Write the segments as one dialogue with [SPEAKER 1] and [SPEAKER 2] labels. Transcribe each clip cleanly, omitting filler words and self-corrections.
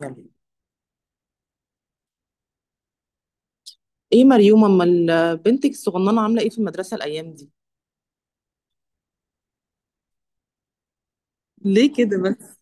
[SPEAKER 1] يلا، ايه مريوم، امال بنتك الصغننه عامله ايه في المدرسه الايام دي؟ ليه كده بس؟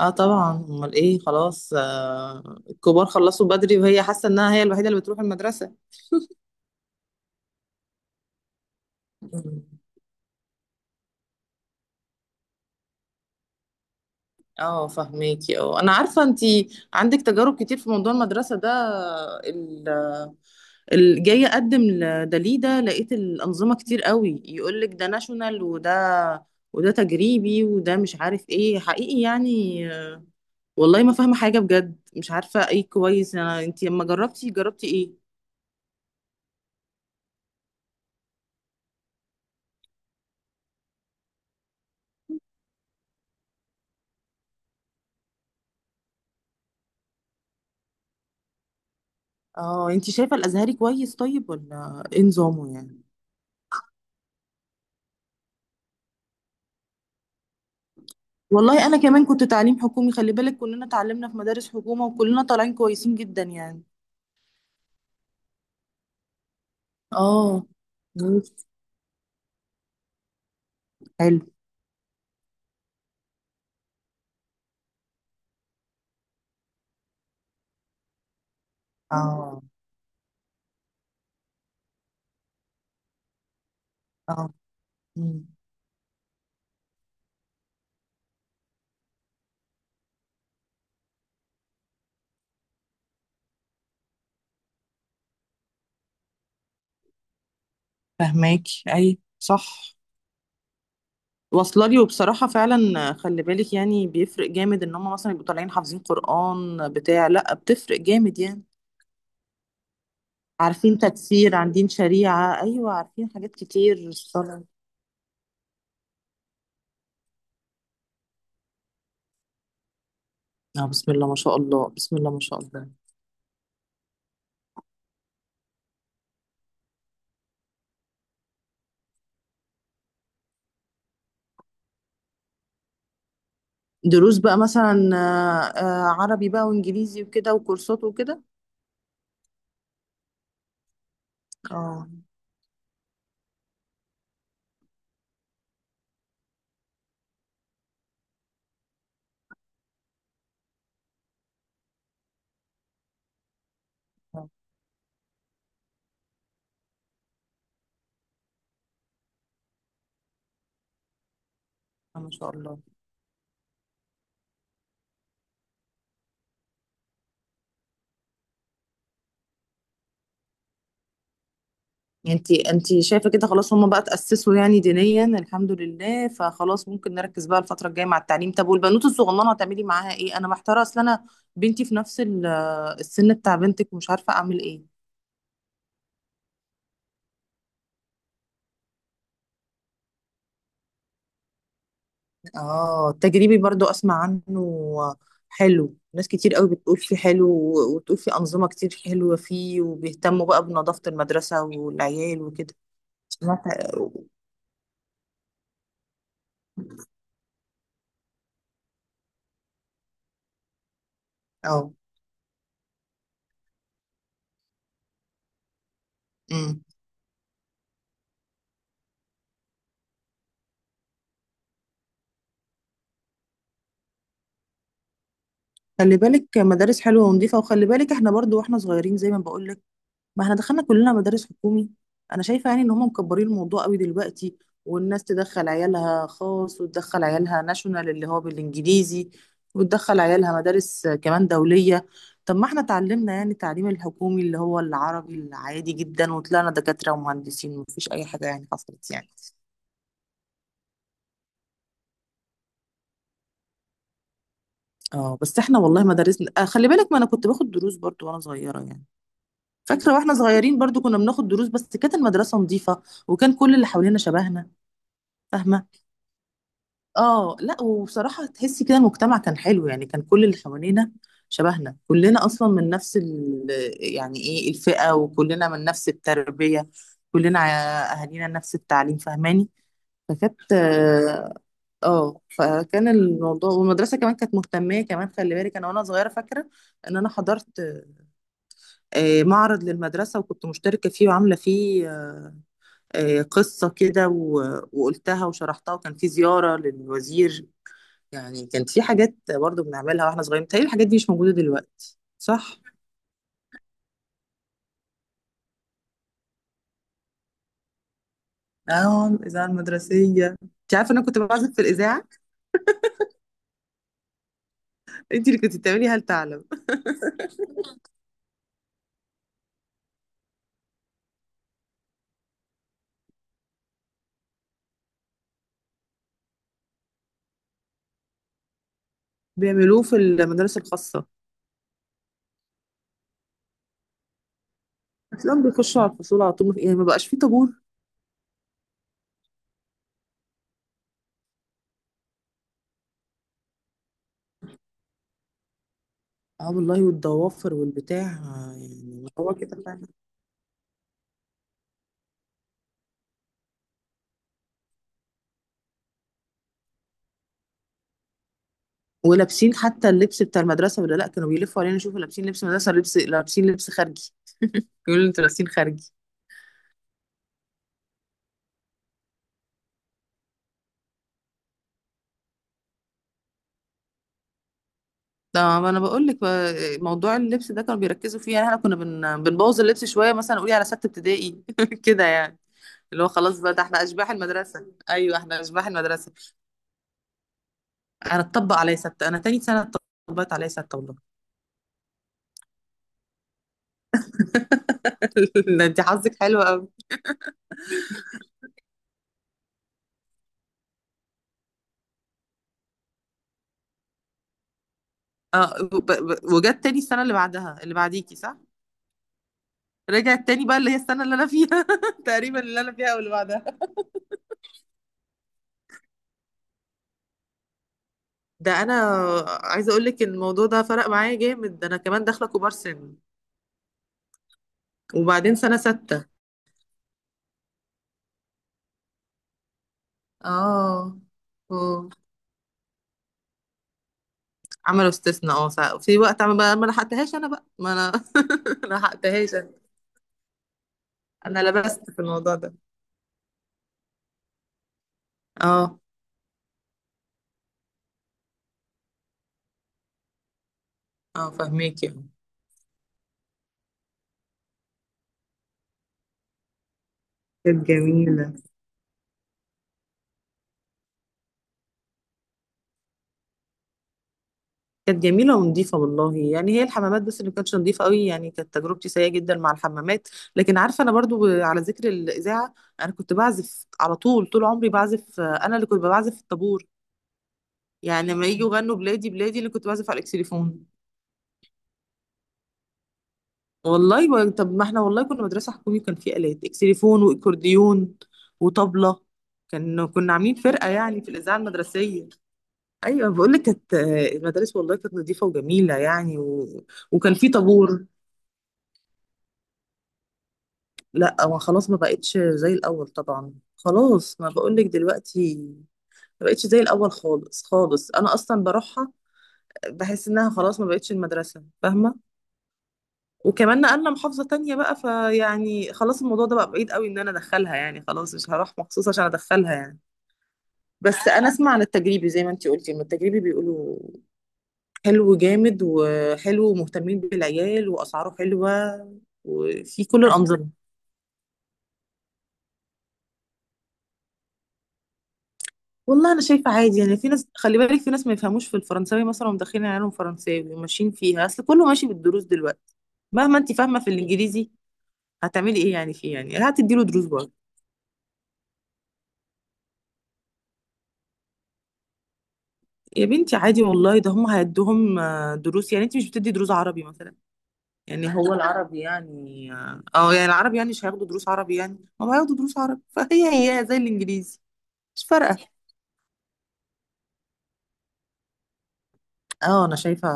[SPEAKER 1] اه طبعا، امال ايه، خلاص، الكبار خلصوا بدري، وهي حاسه انها هي الوحيده اللي بتروح المدرسه. مم. اه، فهميكي، انا عارفه انت عندك تجارب كتير في موضوع المدرسه ده. ال- جايه اقدم لدليده، لقيت الانظمه كتير قوي، يقول لك ده ناشونال، وده تجريبي، وده مش عارف ايه حقيقي يعني. والله ما فاهمة حاجة بجد، مش عارفة ايه كويس. انا انتي لما جربتي ايه؟ اه، انتي شايفة الازهري كويس طيب ولا ايه نظامه يعني؟ والله انا كمان كنت تعليم حكومي، خلي بالك كلنا اتعلمنا في مدارس حكومة، وكلنا طالعين كويسين جدا يعني. اه. بس. حلو. اه، اه. مم. فهماكي، اي، صح. واصله لي. وبصراحه فعلا خلي بالك، يعني بيفرق جامد، ان هم مثلا يبقوا طالعين حافظين قران بتاع لا، بتفرق جامد يعني. عارفين تكفير، عندين شريعة، أيوة عارفين حاجات كتير، الصلاة. آه، بسم الله ما شاء الله، بسم الله ما شاء الله. دروس بقى مثلا، عربي بقى وإنجليزي وكده وكورسات وكده؟ اه. آه، ما شاء الله. انتي شايفة كده خلاص، هما بقى تأسسوا يعني دينيا الحمد لله، فخلاص ممكن نركز بقى الفترة الجاية مع التعليم. طب والبنوت الصغننة هتعملي معاها ايه؟ أنا محتارة، أصل أنا بنتي في نفس السن بتاع بنتك، ومش عارفة أعمل ايه. اه، التجريبي برضو اسمع عنه. حلو. ناس كتير قوي بتقول فيه حلو، وتقول فيه انظمه كتير حلوه فيه، وبيهتموا بقى بنظافه المدرسه والعيال وكده. سمعت. اه. أمم. خلي بالك مدارس حلوه ونظيفه، وخلي بالك احنا برضو واحنا صغيرين زي ما بقول لك. ما احنا دخلنا كلنا مدارس حكومي. انا شايفه يعني ان هم مكبرين الموضوع قوي دلوقتي. والناس تدخل عيالها خاص، وتدخل عيالها ناشونال اللي هو بالانجليزي، وتدخل عيالها مدارس كمان دوليه. طب ما احنا اتعلمنا يعني التعليم الحكومي اللي هو العربي العادي جدا، وطلعنا دكاتره ومهندسين، ومفيش اي حاجه يعني حصلت يعني. اه، بس احنا والله مدارسنا خلي بالك، ما انا كنت باخد دروس برضو وانا صغيره يعني. فاكره واحنا صغيرين برضو كنا بناخد دروس، بس كانت المدرسه نظيفه، وكان كل اللي حوالينا شبهنا. فاهمه. اه لا، وبصراحة تحسي كده المجتمع كان حلو يعني، كان كل اللي حوالينا شبهنا، كلنا أصلا من نفس ال، يعني ايه، الفئة، وكلنا من نفس التربية. كلنا أهالينا نفس التعليم، فاهماني. فكانت اه فكان الموضوع، والمدرسة كمان كانت مهتمة كمان، خلي بالك أنا وأنا صغيرة فاكرة إن أنا حضرت معرض للمدرسة، وكنت مشتركة فيه وعاملة فيه قصة كده، وقلتها وشرحتها، وكان في زيارة للوزير. يعني كانت في حاجات برضو بنعملها واحنا صغيرين، تهيألي الحاجات دي مش موجودة دلوقتي، صح؟ اه، الإذاعة المدرسية، انت عارفة انا كنت بعزف في الإذاعة. انت اللي كنت بتعملي هل تعلم؟ بيعملوه في المدارس الخاصة. تلاقيهم بيخشوا على الفصول على طول، يعني ما بقاش فيه طابور. اه والله، والضوافر والبتاع، يعني هو كده فعلا. ولابسين حتى اللبس بتاع المدرسة ولا لا، كانوا بيلفوا علينا يشوفوا لابسين لبس مدرسة ولا لبس، لابسين لبس خارجي. يقولوا انتوا لابسين خارجي. ده ما انا بقول لك بقى، موضوع اللبس ده كانوا بيركزوا فيه، يعني احنا كنا بنبوظ اللبس شويه، مثلا قولي على سته ابتدائي كده يعني. اللي هو خلاص بقى، ده احنا اشباح المدرسه، ايوه احنا اشباح المدرسه. انا اتطبق عليا سته، انا تاني سنه اتطبقت عليا سته والله. لا، انت حظك حلو قوي. اه، وجت تاني السنه اللي بعدها اللي بعديكي، صح؟ رجعت تاني بقى، اللي هي السنه اللي انا فيها تقريبا، اللي انا فيها واللي بعدها. ده انا عايزه اقول لك، الموضوع ده فرق معايا جامد، ده انا كمان داخله كبار سن، وبعدين سنه سته. اه. مم. عملوا استثناء، اه، في وقت ما لحقتهاش انا بقى، ما انا ما لحقتهاش انا. انا لبست في الموضوع ده. اه، اه، فهميكي، اه. كانت جميلة. كانت جميلة ونظيفة والله، يعني هي الحمامات بس اللي كانتش نظيفة قوي، يعني كانت تجربتي سيئة جدا مع الحمامات. لكن عارفة أنا برضو، على ذكر الإذاعة، أنا كنت بعزف على طول، طول عمري بعزف. أنا اللي كنت بعزف في الطابور، يعني لما يجوا يغنوا بلادي بلادي، اللي كنت بعزف على الإكسليفون. والله، طب ما احنا والله كنا مدرسة حكومي، كان في آلات اكسليفون واكورديون وطبلة. كنا عاملين فرقة يعني في الإذاعة المدرسية. أيوة بقول لك، كانت المدارس والله كانت نظيفة وجميلة يعني وكان في طابور. لا، ما خلاص ما بقتش زي الأول طبعا، خلاص ما بقول لك دلوقتي، ما بقتش زي الأول خالص خالص، أنا أصلا بروحها بحس إنها خلاص ما بقتش المدرسة، فاهمة. وكمان نقلنا محافظة تانية بقى، فيعني خلاص، الموضوع ده بقى بعيد قوي ان انا ادخلها يعني، خلاص مش هروح مخصوص عشان ادخلها يعني. بس انا اسمع عن التجريبي، زي ما انتي قلتي، إن التجريبي بيقولوا حلو جامد، وحلو ومهتمين بالعيال، واسعاره حلوة، وفي كل الانظمة. والله انا شايفة عادي، يعني في ناس، خلي بالك في ناس ما يفهموش في الفرنساوي مثلا ومدخلين عيالهم فرنساوي وماشيين فيها، اصل كله ماشي بالدروس دلوقتي. مهما انتي فاهمة في الانجليزي، هتعملي ايه يعني فيه، يعني هتديله دروس برضه. يا بنتي عادي والله، ده هم هيدوهم دروس، يعني انت مش بتدي دروس عربي مثلا؟ يعني هو العربي يعني يعني العربي يعني مش هياخدوا دروس عربي؟ يعني هم هياخدوا دروس عربي فهي هي زي الانجليزي. مش فارقه. اه، انا شايفه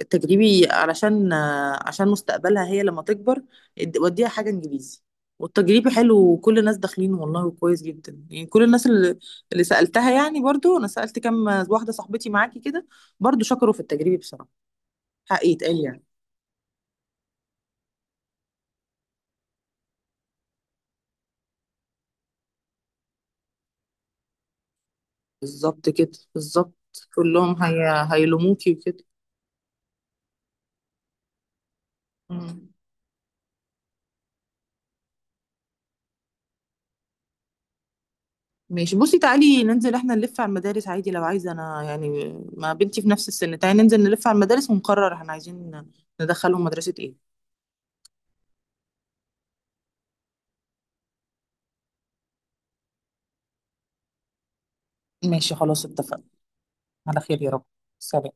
[SPEAKER 1] التجريبي، علشان آه، عشان مستقبلها هي لما تكبر، وديها حاجه انجليزي. والتجريبي حلو، وكل الناس داخلين والله وكويس جدا يعني، كل الناس اللي، اللي سالتها يعني، برضو انا سالت كم واحده صاحبتي معاكي كده، برضو شكروا في التجريبي بصراحه. حق يتقال يعني. بالظبط كده، بالظبط. كلهم هيلوموكي وكده. مم. ماشي، بصي تعالي ننزل احنا نلف على المدارس عادي لو عايزه، انا يعني ما بنتي في نفس السن، تعالي ننزل نلف على المدارس ونقرر احنا عايزين ندخلهم مدرسة ايه. ماشي خلاص، اتفقنا. على خير يا رب. سلام.